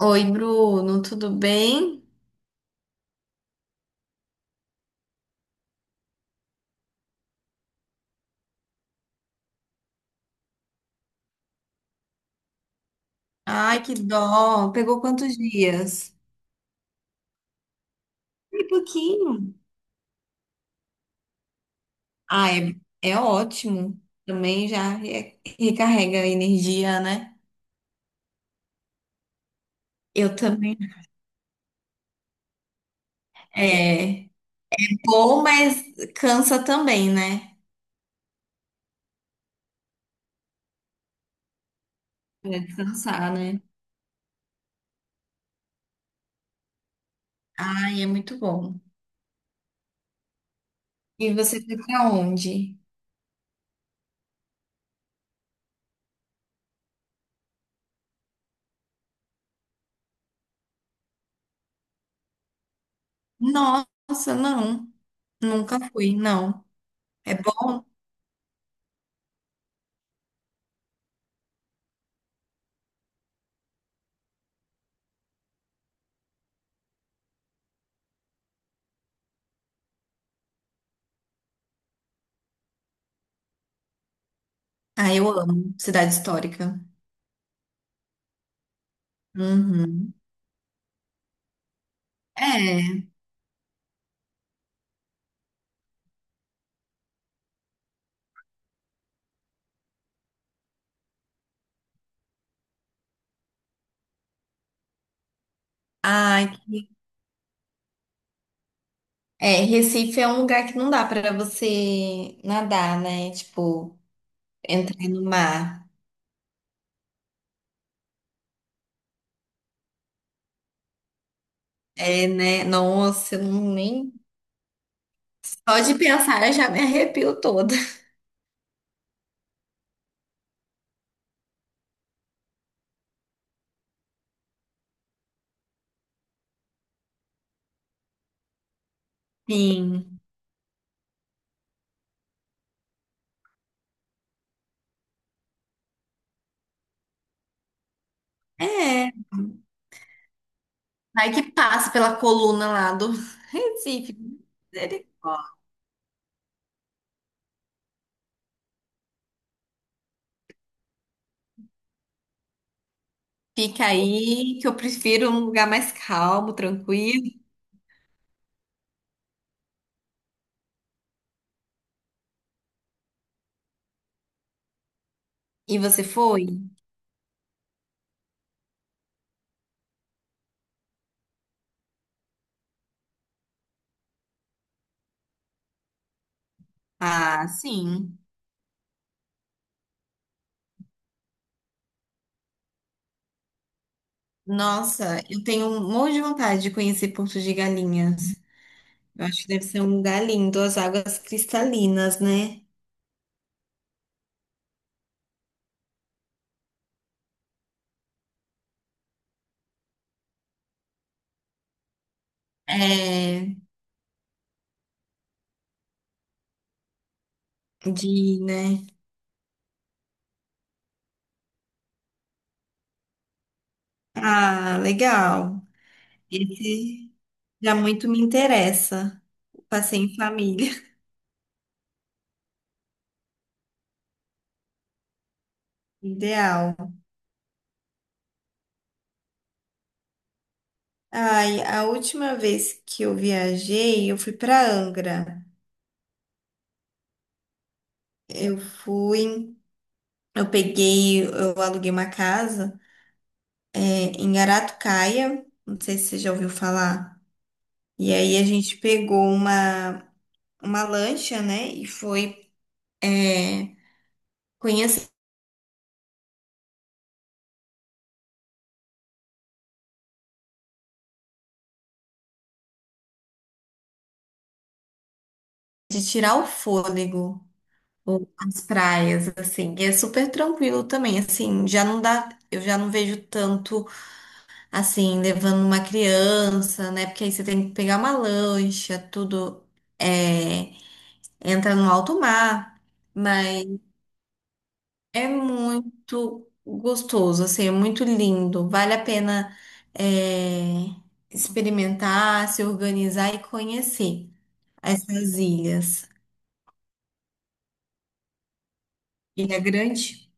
Oi, Bruno, tudo bem? Ai, que dó. Pegou quantos dias? E pouquinho. Ah, é, é ótimo. Também já recarrega a energia, né? Eu também. É bom, mas cansa também, né? Pra descansar, né? Ai, é muito bom. E você foi pra onde? Nossa, não. Nunca fui, não. É bom? Ah, eu amo. Cidade histórica. Uhum. É. Ai, é, Recife é um lugar que não dá pra você nadar, né? Tipo, entrar no mar. É, né? Nossa, eu nem. Só de pensar eu já me arrepio toda. Sim. É. Vai que passa pela coluna lá do Recife. Misericórdia. Fica aí que eu prefiro um lugar mais calmo, tranquilo. E você foi? Ah, sim. Nossa, eu tenho um monte de vontade de conhecer Porto de Galinhas. Eu acho que deve ser um lugar lindo, as águas cristalinas, né? É, de, né? Ah, legal. Esse já muito me interessa. O passeio em família, ideal. Ai, a última vez que eu viajei, eu fui para Angra. Eu fui, eu aluguei uma casa, é, em Aratucaia, não sei se você já ouviu falar. E aí a gente pegou uma lancha, né? E foi, é, conheço de tirar o fôlego, as praias, assim, e é super tranquilo também, assim, já não dá, eu já não vejo tanto, assim, levando uma criança, né, porque aí você tem que pegar uma lancha, tudo, é, entra no alto mar, mas é muito gostoso, assim, é muito lindo, vale a pena, é, experimentar, se organizar e conhecer essas ilhas. Ilha Grande.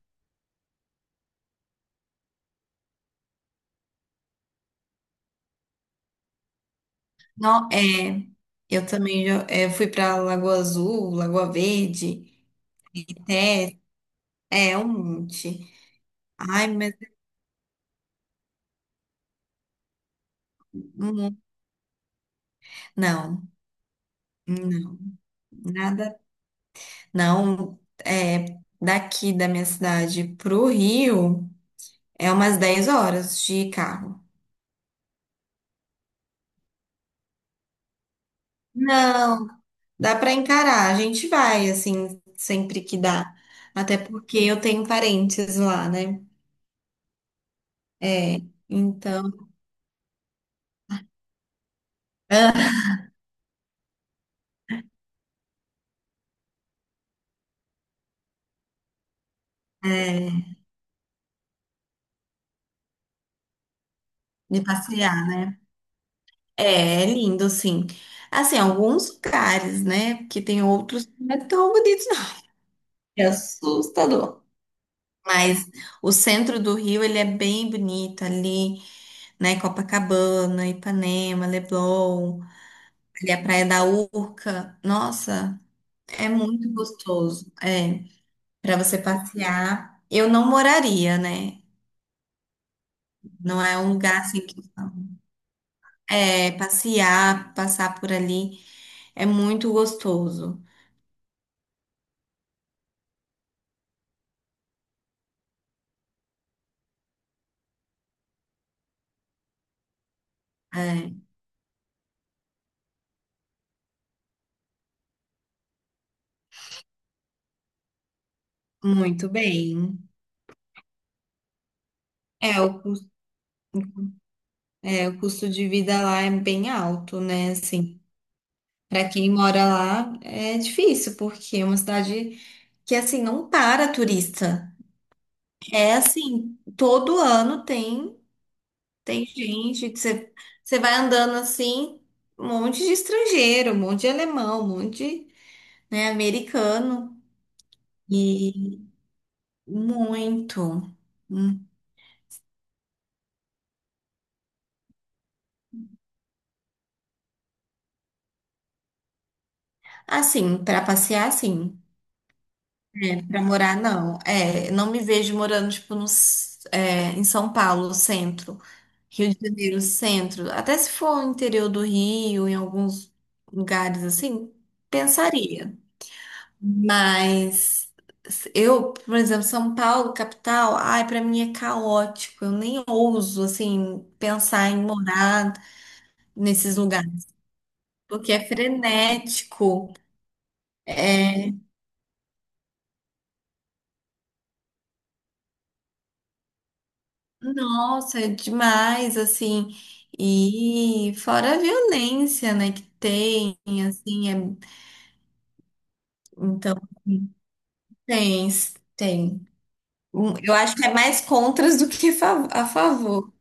Não, é, eu também já, fui pra Lagoa Azul, Lagoa Verde, é, é um monte. Ai, mas hum, não, não, nada, não, é, daqui da minha cidade pro Rio é umas 10 horas de carro. Não, dá pra encarar, a gente vai assim sempre que dá, até porque eu tenho parentes lá, né? É, então, é, de passear. É, é lindo, sim. Assim, alguns lugares, né? Porque tem outros que não é tão bonitos, não. É assustador. Mas o centro do Rio, ele é bem bonito ali, né? Copacabana, Ipanema, Leblon, ali a Praia da Urca. Nossa, é muito gostoso. É, para você passear. Eu não moraria, né? Não é um lugar assim que é passear, passar por ali é muito gostoso. É. Muito bem. É, é, o custo de vida lá é bem alto, né? Assim, para quem mora lá é difícil, porque é uma cidade que, assim, não para turista. É assim, todo ano tem, tem gente, que você, você vai andando assim, um monte de estrangeiro, um monte de alemão, um monte de, né, americano. E muito. Hum. Assim, para passear, sim. É, para morar, não. É, não me vejo morando, tipo, no, s- é, em São Paulo, centro. Rio de Janeiro, centro. Até se for no interior do Rio, em alguns lugares assim, pensaria. Mas eu, por exemplo, São Paulo, capital, ai, para mim é caótico. Eu nem ouso, assim, pensar em morar nesses lugares. Porque é frenético. É, nossa, é demais, assim. E fora a violência, né, que tem, assim, é... Então, tem, tem. Eu acho que é mais contras do que a favor.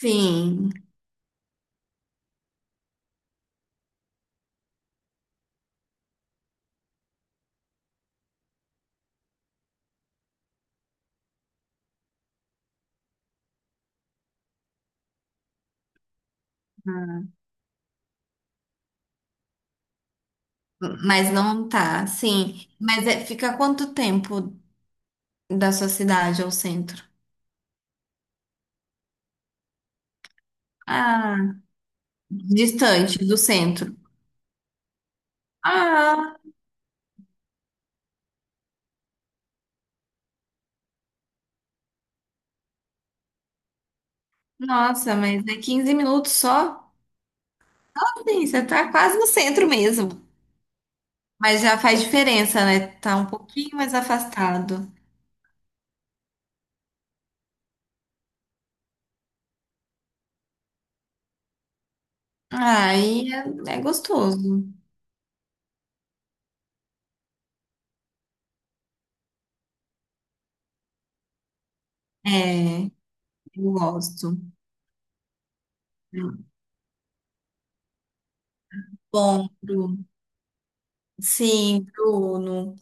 Sim, mas não tá, sim. Mas fica quanto tempo da sua cidade ao centro? Ah, distante do centro. Ah, nossa, mas é 15 minutos só? Assim, você tá quase no centro mesmo. Mas já faz diferença, né? Tá um pouquinho mais afastado. Aí é, é gostoso. É, eu gosto. Bom, Bruno. Sim, Bruno.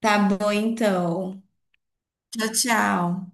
Tá bom então. Tchau, tchau.